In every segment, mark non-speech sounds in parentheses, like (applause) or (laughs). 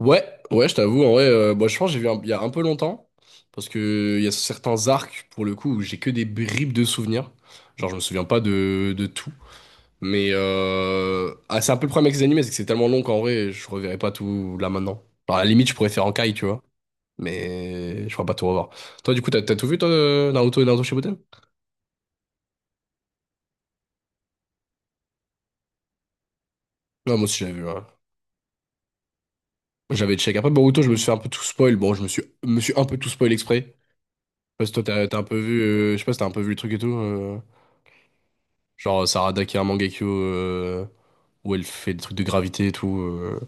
Ouais, ouais, je t'avoue, en vrai, moi je pense que j'ai il y a un peu longtemps, parce que il y a certains arcs, pour le coup, où j'ai que des bribes de souvenirs. Genre, je me souviens pas de tout. Mais ah, c'est un peu le problème avec les animés, c'est que c'est tellement long qu'en vrai, je reverrai pas tout là maintenant. Genre, à la limite, je pourrais faire en caille, tu vois, mais je pourrais pas tout revoir. Toi, du coup, t'as tout vu, toi, de Naruto et Naruto Shippuden? Non, moi aussi, j'avais vu, ouais. J'avais check. Après, Boruto, je me suis fait un peu tout spoil. Bon, je me suis un peu tout spoil exprès. Parce que toi, t'as un peu vu, je sais pas si t'as un peu vu le truc et tout. Genre Sarada qui a un Mangekyo où elle fait des trucs de gravité et tout.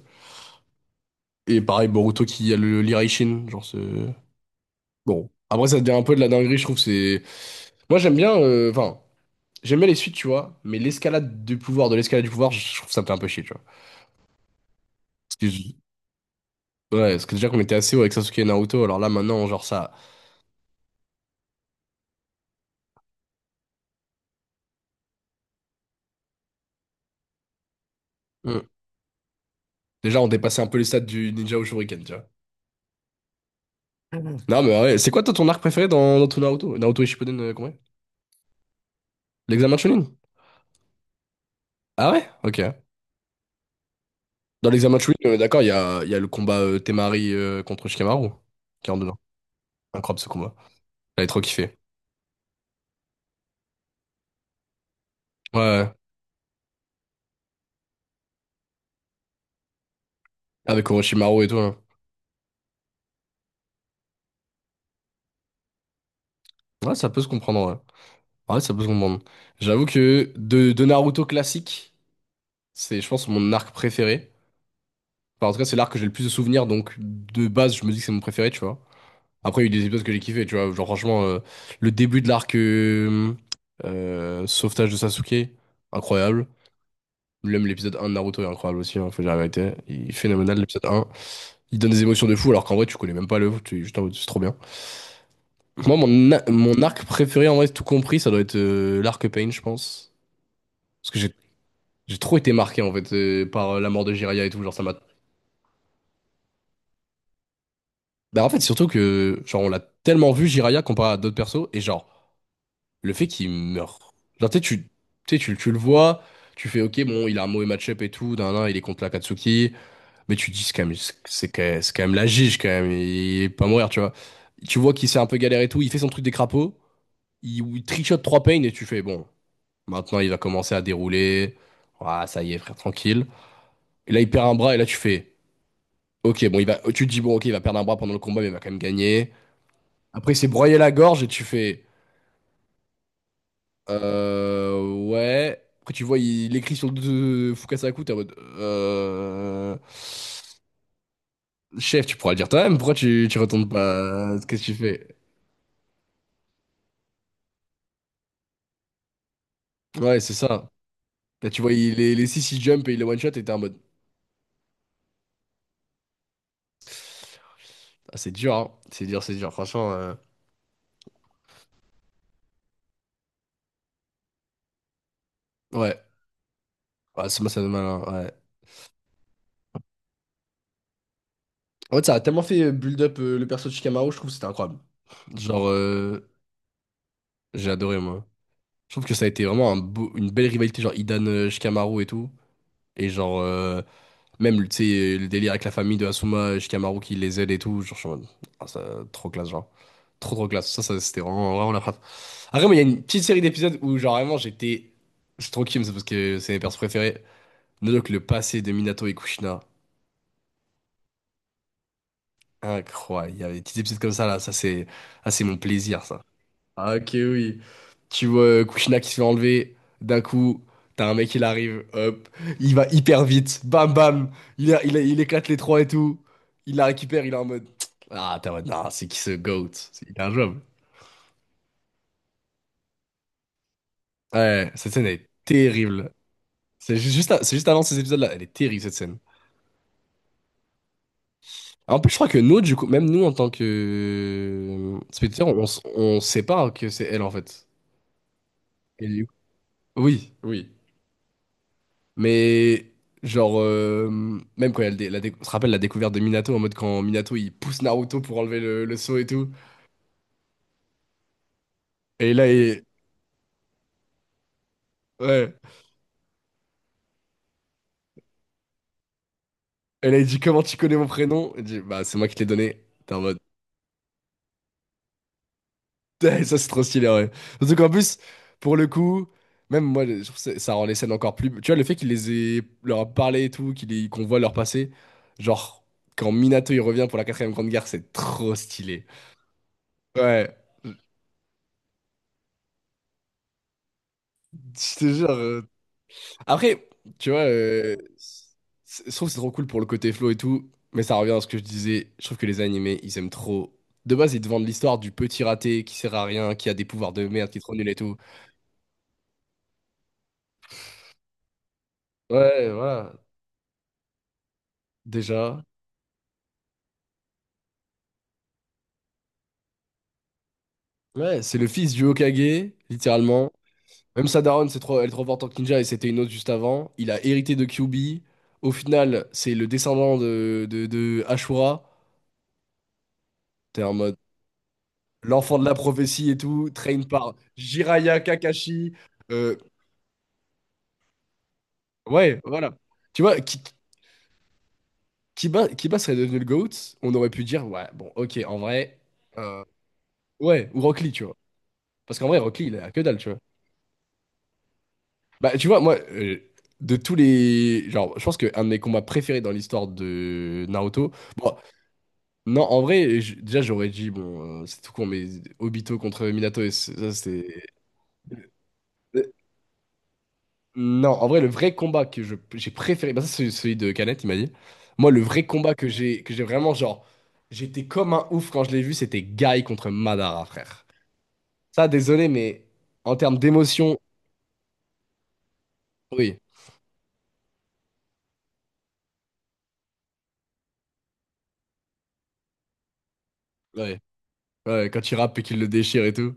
Et pareil, Boruto qui a le l'Iraishin. Genre c'est... Bon. Après, ça devient un peu de la dinguerie, je trouve. C'est... Moi, j'aime bien... Enfin, j'aime bien les suites, tu vois. Mais l'escalade du pouvoir, de l'escalade du pouvoir, je trouve ça me fait un peu chier, tu vois. Parce que je- Ouais, parce que déjà qu'on était assez haut avec Sasuke et Naruto, alors là, maintenant, genre ça... Hmm. Déjà, on dépassait un peu les stades du ninja au Shuriken, tu vois. Non, mais ouais. C'est quoi, toi, ton arc préféré dans ton Naruto? Naruto et Shippuden, combien? L'examen de Chunin? Ah ouais? Ok. Dans l'examen match, oui, on est d'accord, il y a le combat Temari contre Shikamaru, qui est en dedans. Incroyable ce combat. J'avais trop kiffé. Ouais. Avec Orochimaru et tout, hein. Ouais, ça peut se comprendre, ouais. Ouais, ça peut se comprendre. J'avoue que de Naruto classique, c'est, je pense, mon arc préféré. Enfin, en tout cas, c'est l'arc que j'ai le plus de souvenirs, donc de base, je me dis que c'est mon préféré, tu vois. Après, il y a eu des épisodes que j'ai kiffé, tu vois. Genre, franchement, le début de l'arc Sauvetage de Sasuke, incroyable. Même l'épisode 1 de Naruto est incroyable aussi, hein, faut dire la vérité. Il est phénoménal l'épisode 1. Il donne des émotions de fou alors qu'en vrai tu connais même pas le, tu es juste en mode c'est trop bien. (laughs) Mon arc préféré en vrai tout compris ça doit être l'arc Pain je pense. Parce que j'ai trop été marqué en fait par la mort de Jiraiya et tout, genre ça m'a... Bah en fait surtout que genre on l'a tellement vu Jiraiya comparé à d'autres persos et genre le fait qu'il meurt. Genre tu le vois, tu fais ok bon il a un mauvais match-up et tout, d'un il est contre l'Akatsuki. Mais tu te dis, c'est quand même la gige, quand même. Il est pas à mourir, tu vois. Tu vois qu'il s'est un peu galéré et tout. Il fait son truc des crapauds. Il trichote 3 pains et tu fais, bon, maintenant il va commencer à dérouler. Ah, ça y est, frère, tranquille. Et là, il perd un bras et là, tu fais, ok, bon, tu te dis, bon, ok, il va perdre un bras pendant le combat, mais il va quand même gagner. Après, il s'est broyé la gorge et tu fais, ouais. Après, tu vois, il écrit sur le dos de Fukasaku, t'es en mode, chef, tu pourras le dire toi-même. Pourquoi tu retournes pas? Qu'est-ce que tu fais? Ouais, c'est ça. Là, tu vois, les 6 ils jump et il les one-shot et t'es en mode. Ah, c'est dur, hein. C'est dur, c'est dur. Franchement, ouais. Ouais, c'est moi, ça me malin. Ouais. En fait, ça a tellement fait build up le perso de Shikamaru, je trouve que c'était incroyable. Genre, j'ai adoré, moi. Je trouve que ça a été vraiment une belle rivalité, genre Idan Shikamaru et tout. Et genre, même, tu sais, le délire avec la famille de Asuma, Shikamaru qui les aide et tout, genre, je suis en mode, ah, ça, trop classe, genre. Trop, trop classe. Ça, c'était vraiment, vraiment la frappe. Après, mais il y a une petite série d'épisodes où, genre, vraiment, j'étais. Je suis trop kiffé, c'est parce que c'est mes persos préférés. Nodok, le passé de Minato et Kushina. Incroyable. Il y avait des petits épisodes comme ça, là. Ça, c'est. Ah, c'est mon plaisir, ça. Ah, ok, oui. Tu vois Kushina qui se fait enlever. D'un coup, t'as un mec, il arrive. Hop. Il va hyper vite. Bam, bam. Il éclate les trois et tout. Il la récupère. Il est en mode. Ah, t'es en mode. Non, c'est qui ce GOAT? C'est- Il a un job. Ouais, cette scène est terrible. Juste, c'est juste avant ces épisodes-là. Elle est terrible, cette scène. En plus, je crois que nous, du coup, même nous, en tant que spectateurs, on sait pas que c'est elle, en fait. Et du coup- Oui, oui. Mais genre, même quand il y a le dé- la dé- on se rappelle la découverte de Minato, en mode quand Minato il pousse Naruto pour enlever le sceau et tout. Et là, il... Ouais. Et là, il dit comment tu connais mon prénom? Il dit, bah c'est moi qui te l'ai donné. T'es en mode, (laughs) eh, ça c'est trop stylé, ouais. Surtout qu'en plus, pour le coup, même moi, je trouve que ça rend les scènes encore plus... Tu vois, le fait qu'il les ait... leur a parlé et tout, qu'on voit leur passé, genre, quand Minato il revient pour la quatrième grande guerre, c'est trop stylé. Ouais, je te jure, après, tu vois, je trouve que c'est trop cool pour le côté flow et tout, mais ça revient à ce que je disais. Je trouve que les animés, ils aiment trop. De base, ils te vendent l'histoire du petit raté qui sert à rien, qui a des pouvoirs de merde, qui est trop nul et tout. Ouais, voilà, déjà. Ouais, c'est le fils du Hokage, littéralement. Même sa daronne, c'est trop, elle est trop forte en ninja et c'était une autre juste avant. Il a hérité de Kyuubi. Au final, c'est le descendant de Ashura. T'es en mode l'enfant de la prophétie et tout, train par Jiraiya Kakashi. Euh, Ouais, voilà. Tu vois, Kiba serait devenu le GOAT, on aurait pu dire, ouais, bon, ok, en vrai, euh, ouais, ou Rock Lee, tu vois. Parce qu'en vrai, Rock Lee, il a que dalle, tu vois. Bah, tu vois, moi, de tous les. Genre, je pense qu'un de mes combats préférés dans l'histoire de Naruto. Bon, non, en vrai, déjà, j'aurais dit, bon, c'est tout con, mais Obito contre Minato, ça, c'est. Non, en vrai, le vrai combat que j'ai préféré, bah ça c'est celui de Canet, il m'a dit. Moi, le vrai combat que j'ai vraiment, genre, j'étais comme un ouf quand je l'ai vu, c'était Guy contre Madara, frère. Ça, désolé, mais en termes d'émotion, oui, ouais, ouais, quand il rappe et qu'il le déchire et tout,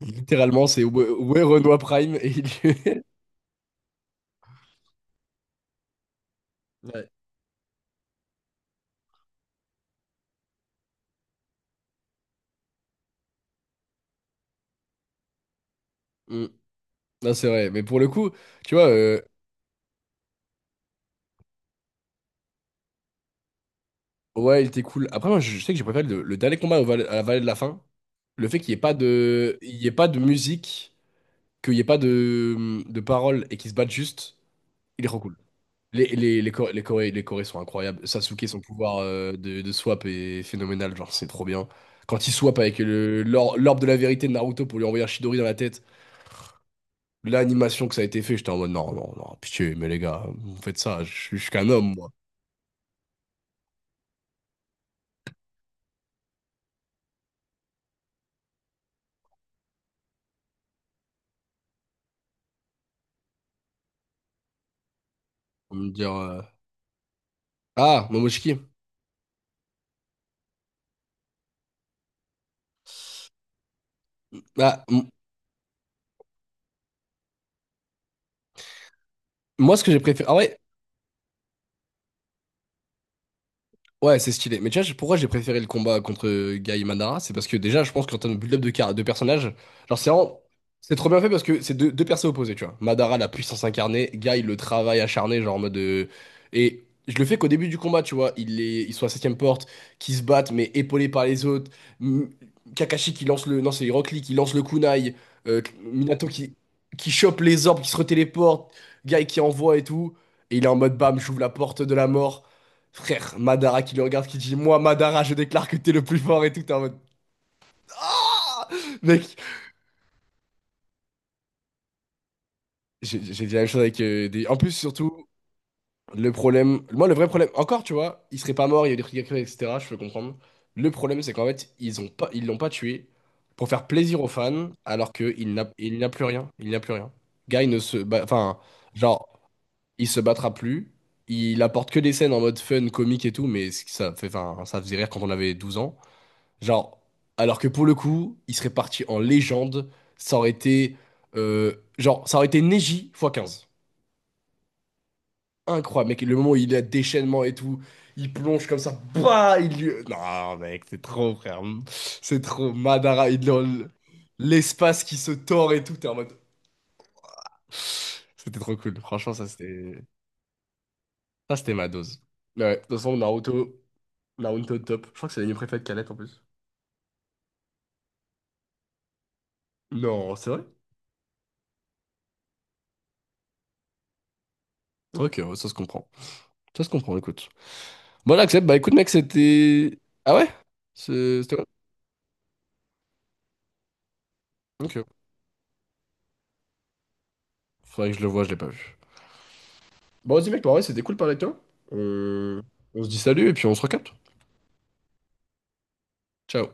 littéralement, c'est ouais, Renoir Prime et il. (laughs) Ouais. Mm. Non, c'est vrai, mais pour le coup, tu vois, ouais, il était cool. Après, moi, je sais que j'ai préféré le dernier combat au à la Vallée de la Fin, le fait qu'il n'y ait pas de, il y ait pas de musique. Qu'il n'y ait pas de paroles et qu'ils se battent juste, il est trop cool. Les Corés sont incroyables. Sasuke, son pouvoir de swap est phénoménal, genre c'est trop bien. Quand il swap avec l'orbe de la vérité de Naruto pour lui envoyer un Chidori dans la tête, l'animation que ça a été fait, j'étais en mode non, non, non, pitié, mais les gars, vous faites ça, je suis qu'un homme, moi. On me dire. Ah, Momoshiki. Ah, m- Moi, ce que j'ai préféré. Ah ouais, ouais, c'est stylé. Mais tu vois, pourquoi j'ai préféré le combat contre Guy Madara? C'est parce que déjà, je pense qu'en termes de build-up de personnages, genre, c'est vraiment. C'est trop bien fait parce que c'est deux persos opposés, tu vois. Madara, la puissance incarnée, Guy, le travail acharné, genre en mode. Et je le fais qu'au début du combat, tu vois. Il est... Ils sont à septième porte, qui se battent, mais épaulés par les autres. M- Kakashi qui lance le. Non, c'est Rock Lee qui lance le kunai. euh, Minato qui chope les orbes, qui se retéléporte. Guy qui envoie et tout. Et il est en mode bam, j'ouvre la porte de la mort. Frère, Madara qui le regarde, qui dit moi, Madara, je déclare que t'es le plus fort et tout. T'es en mode ah. Mec, j'ai dit la même chose avec des. En plus, surtout, le problème. Moi, le vrai problème, encore, tu vois, il serait pas mort, il y a eu des trucs à créer, etc. Je peux comprendre. Le problème, c'est qu'en fait, ils l'ont pas tué pour faire plaisir aux fans, alors qu'il n'a il n'a plus rien. Il n'a plus rien. Guy ne se. Bat- Enfin, genre, il se battra plus. Il apporte que des scènes en mode fun, comique et tout, mais enfin, ça faisait rire quand on avait 12 ans. Genre, alors que pour le coup, il serait parti en légende. Ça aurait été. Genre, ça aurait été Neji x15. Incroyable, mec. Le moment où il a déchaînement et tout, il plonge comme ça. Bah, il lui. Non, mec, c'est trop, frère. C'est trop. L'espace qui se tord et tout. T'es en mode. C'était trop cool. Franchement, ça, c'était. Ça, c'était ma dose. Ouais, de toute façon, Naruto. Naruto top. Je crois que c'est l'anime préféré de Kalette en plus. Non, c'est vrai? Ok, ouais, ça se comprend. Ça se comprend, écoute. Voilà, Accept, bah écoute, mec, c'était. Ah ouais? C'est- C'était. Ok. Faudrait que je le vois, je l'ai pas vu. Bon, vas-y, mec, bah ouais, c'était cool de parler avec toi. On... on se dit salut et puis on se recapte. Ciao.